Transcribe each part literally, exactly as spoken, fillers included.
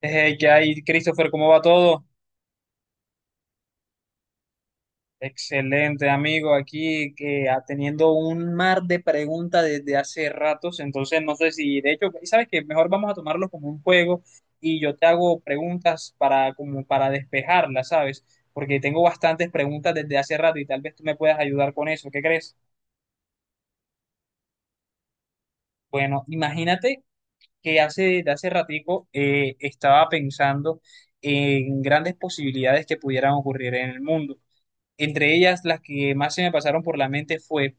Eh, ¿qué hay, Christopher? ¿Cómo va todo? Excelente, amigo. Aquí que ah, teniendo un mar de preguntas desde hace ratos, entonces no sé si, de hecho, sabes que mejor vamos a tomarlo como un juego y yo te hago preguntas para como para despejarlas, ¿sabes? Porque tengo bastantes preguntas desde hace rato y tal vez tú me puedas ayudar con eso. ¿Qué crees? Bueno, imagínate que hace de hace ratico eh, estaba pensando en grandes posibilidades que pudieran ocurrir en el mundo. Entre ellas, las que más se me pasaron por la mente fue,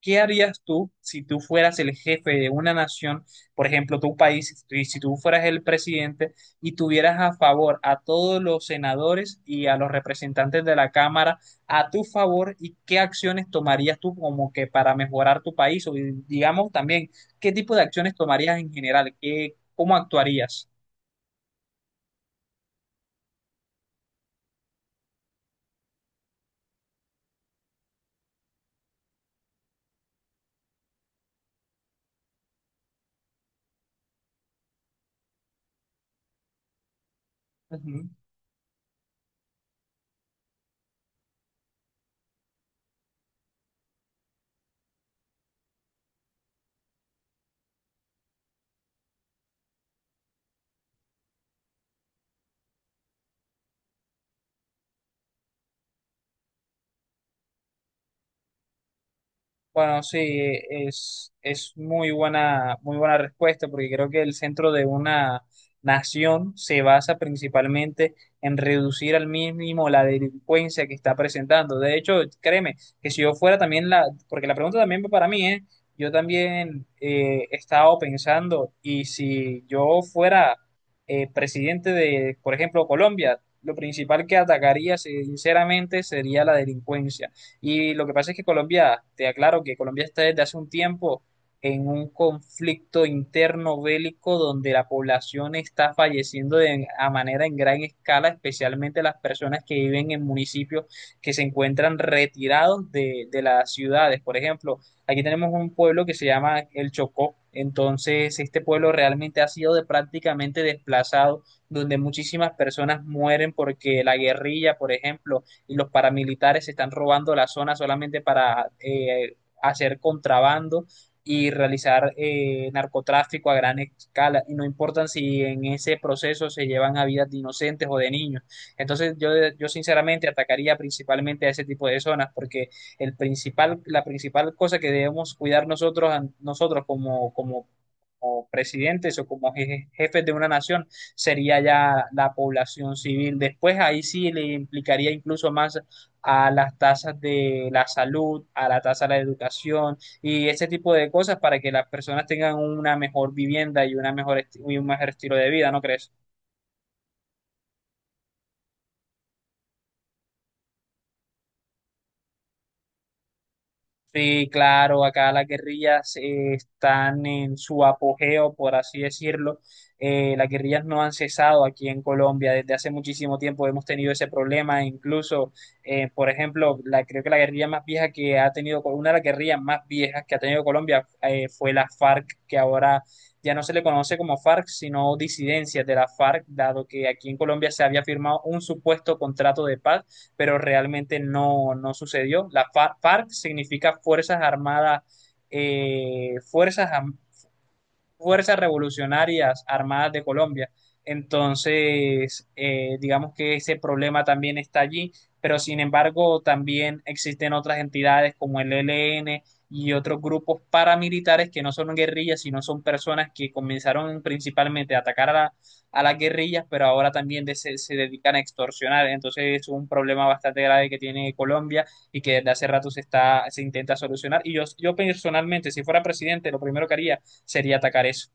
¿qué harías tú si tú fueras el jefe de una nación, por ejemplo, tu país, y si tú fueras el presidente y tuvieras a favor a todos los senadores y a los representantes de la Cámara a tu favor y qué acciones tomarías tú como que para mejorar tu país? O digamos también, ¿qué tipo de acciones tomarías en general? ¿Qué, cómo actuarías? Ujú. Bueno, sí, es, es muy buena, muy buena respuesta, porque creo que el centro de una nación se basa principalmente en reducir al mínimo la delincuencia que está presentando. De hecho, créeme, que si yo fuera también la, porque la pregunta también va para mí, ¿eh? Yo también eh, he estado pensando, y si yo fuera eh, presidente de, por ejemplo, Colombia, lo principal que atacaría, sinceramente, sería la delincuencia y lo que pasa es que Colombia, te aclaro que Colombia está desde hace un tiempo en un conflicto interno bélico donde la población está falleciendo de, a manera en gran escala, especialmente las personas que viven en municipios que se encuentran retirados de, de las ciudades. Por ejemplo, aquí tenemos un pueblo que se llama El Chocó. Entonces, este pueblo realmente ha sido de prácticamente desplazado, donde muchísimas personas mueren porque la guerrilla, por ejemplo, y los paramilitares se están robando la zona solamente para eh, hacer contrabando y realizar eh, narcotráfico a gran escala y no importan si en ese proceso se llevan a vidas de inocentes o de niños. Entonces yo, yo sinceramente atacaría principalmente a ese tipo de zonas porque el principal, la principal cosa que debemos cuidar nosotros, nosotros como, como, como presidentes o como je- jefes de una nación sería ya la población civil. Después ahí sí le implicaría incluso más a las tasas de la salud, a la tasa de la educación y ese tipo de cosas para que las personas tengan una mejor vivienda y, una mejor esti- y un mejor estilo de vida, ¿no crees? Sí, claro, acá las guerrillas eh, están en su apogeo, por así decirlo. Eh, las guerrillas no han cesado aquí en Colombia. Desde hace muchísimo tiempo hemos tenido ese problema. Incluso, eh, por ejemplo, la, creo que la guerrilla más vieja que ha tenido, una de las guerrillas más viejas que ha tenido Colombia eh, fue la FARC, que ahora ya no se le conoce como FARC, sino disidencias de la FARC, dado que aquí en Colombia se había firmado un supuesto contrato de paz pero realmente no, no sucedió. La FARC significa Fuerzas Armadas, eh, Fuerzas fuerzas revolucionarias armadas de Colombia. Entonces, eh, digamos que ese problema también está allí, pero sin embargo también existen otras entidades como el E L N y otros grupos paramilitares que no son guerrillas, sino son personas que comenzaron principalmente a atacar a, la- a las guerrillas, pero ahora también de- se, se dedican a extorsionar. Entonces es un problema bastante grave que tiene Colombia y que desde hace rato se está, se intenta solucionar. Y yo, yo personalmente, si fuera presidente, lo primero que haría sería atacar eso.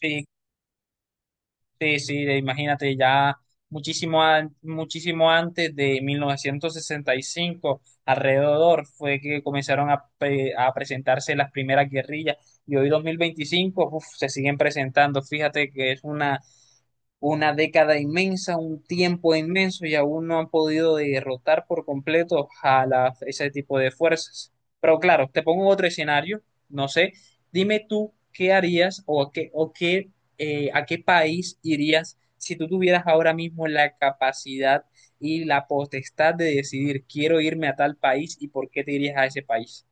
Sí, sí, sí, de- imagínate ya muchísimo, an- muchísimo antes de mil novecientos sesenta y cinco alrededor fue que comenzaron a, pre- a presentarse las primeras guerrillas y hoy dos mil veinticinco, uf, se siguen presentando. Fíjate que es una una década inmensa, un tiempo inmenso y aún no han podido derrotar por completo a la- ese tipo de fuerzas. Pero claro, te pongo otro escenario, no sé, dime tú qué harías o a qué, o qué, eh, a qué país irías si tú tuvieras ahora mismo la capacidad y la potestad de decidir, quiero irme a tal país y por qué te irías a ese país.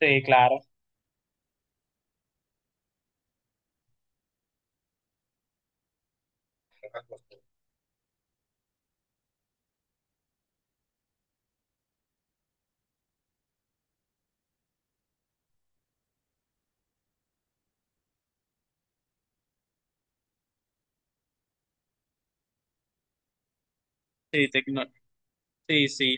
Sí, claro. Sí, tecno- sí, sí.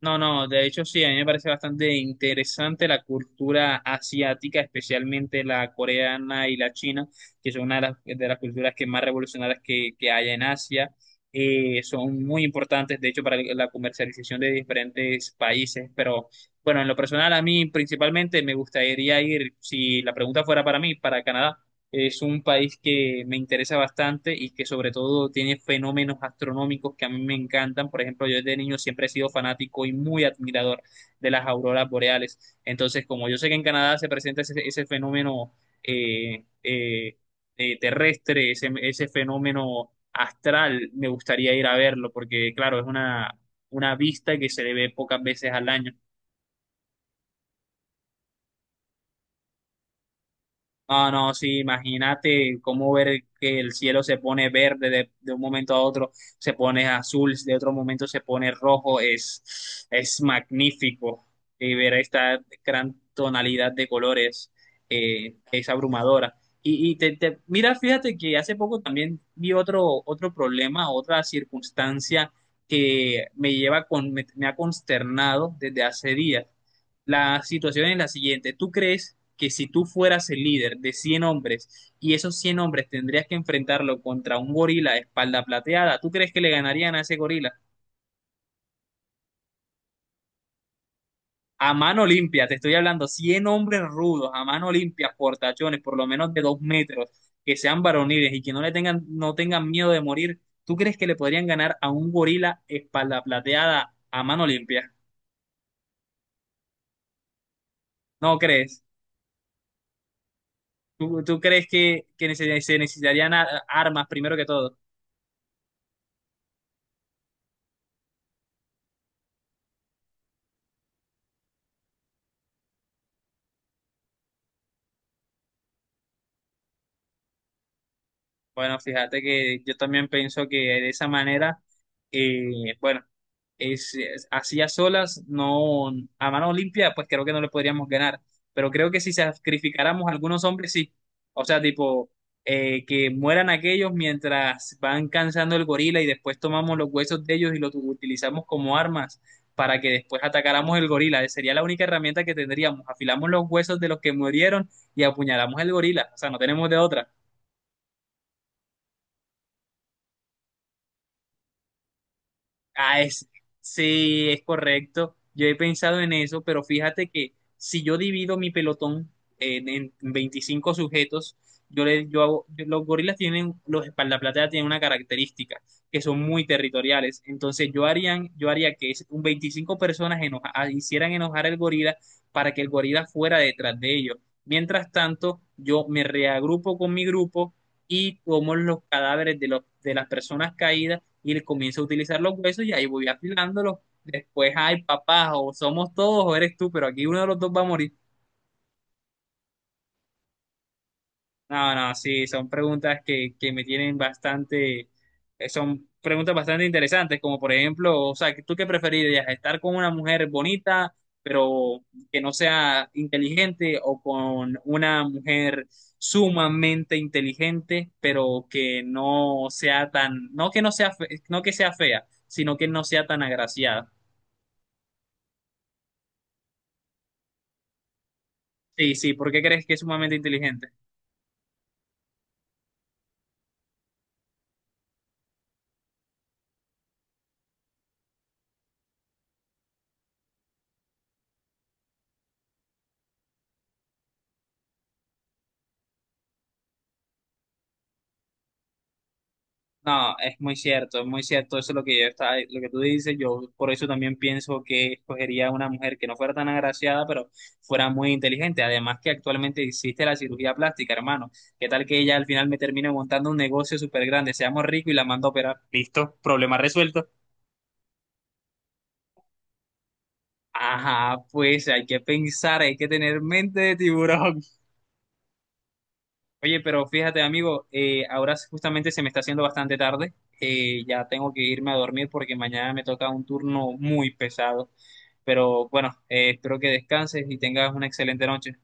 No, no, de hecho sí, a mí me parece bastante interesante la cultura asiática, especialmente la coreana y la china, que son una de las, de las culturas que más revolucionarias que, que hay en Asia. Eh, son muy importantes, de hecho, para la comercialización de diferentes países, pero bueno, en lo personal a mí principalmente me gustaría ir, si la pregunta fuera para mí, para Canadá. Es un país que me interesa bastante y que sobre todo tiene fenómenos astronómicos que a mí me encantan. Por ejemplo, yo desde niño siempre he sido fanático y muy admirador de las auroras boreales. Entonces, como yo sé que en Canadá se presenta ese, ese fenómeno eh, eh, eh, terrestre, ese, ese fenómeno astral, me gustaría ir a verlo porque, claro, es una, una vista que se le ve pocas veces al año. No, no, sí, imagínate cómo ver que el cielo se pone verde de, de un momento a otro, se pone azul, de otro momento se pone rojo, es, es magnífico. Y ver esta gran tonalidad de colores eh, es abrumadora. Y, y te, te- mira, fíjate que hace poco también vi otro, otro problema, otra circunstancia que me lleva con, me me ha consternado desde hace días. La situación es la siguiente. ¿Tú crees que si tú fueras el líder de cien hombres y esos cien hombres tendrías que enfrentarlo contra un gorila de espalda plateada, tú crees que le ganarían a ese gorila? A mano limpia, te estoy hablando, cien hombres rudos, a mano limpia, portachones, por lo menos de dos metros, que sean varoniles y que no le tengan, no tengan miedo de morir, ¿tú crees que le podrían ganar a un gorila espalda plateada a mano limpia? ¿No crees? ¿Tú, tú crees que, que neces- se necesitarían a- armas primero que todo? Bueno, fíjate que yo también pienso que de esa manera, eh, bueno, es, es- así a solas, no, a mano limpia, pues creo que no le podríamos ganar. Pero creo que si sacrificáramos a algunos hombres, sí. O sea, tipo, eh, que mueran aquellos mientras van cansando el gorila y después tomamos los huesos de ellos y los utilizamos como armas para que después atacáramos el gorila. Sería la única herramienta que tendríamos. Afilamos los huesos de los que murieron y apuñalamos el gorila. O sea, no tenemos de otra. Ah, es- sí, es correcto. Yo he pensado en eso, pero fíjate que si yo divido mi pelotón en, en veinticinco sujetos, yo le, yo hago- los gorilas tienen, los espaldaplateas tienen una característica, que son muy territoriales. Entonces yo harían, yo haría que es- un veinticinco personas enoja- ah, hicieran enojar al gorila para que el gorila fuera detrás de ellos. Mientras tanto, yo me reagrupo con mi grupo y tomo los cadáveres de, los, de las personas caídas y le comienzo a utilizar los huesos y ahí voy afilándolos. Después, ay, papá, o somos todos o eres tú, pero aquí uno de los dos va a morir. No, no, sí, son preguntas que, que me tienen bastante, eh, son preguntas bastante interesantes, como por ejemplo, o sea, ¿tú qué preferirías? ¿Estar con una mujer bonita, pero que no sea inteligente, o con una mujer sumamente inteligente, pero que no sea tan, no que no sea, fe- no que sea fea, sino que no sea tan agraciada? Sí, sí, ¿por qué crees que es sumamente inteligente? No, es muy cierto, es muy cierto, eso es lo que yo estaba, lo que tú dices, yo por eso también pienso que escogería una mujer que no fuera tan agraciada, pero fuera muy inteligente, además que actualmente existe la cirugía plástica, hermano, ¿qué tal que ella al final me termine montando un negocio súper grande, seamos ricos y la mando a operar? Listo, problema resuelto. Ajá, pues hay que pensar, hay que tener mente de tiburón. Oye, pero fíjate, amigo, eh, ahora justamente se me está haciendo bastante tarde. eh, ya tengo que irme a dormir porque mañana me toca un turno muy pesado. Pero bueno, eh, espero que descanses y tengas una excelente noche.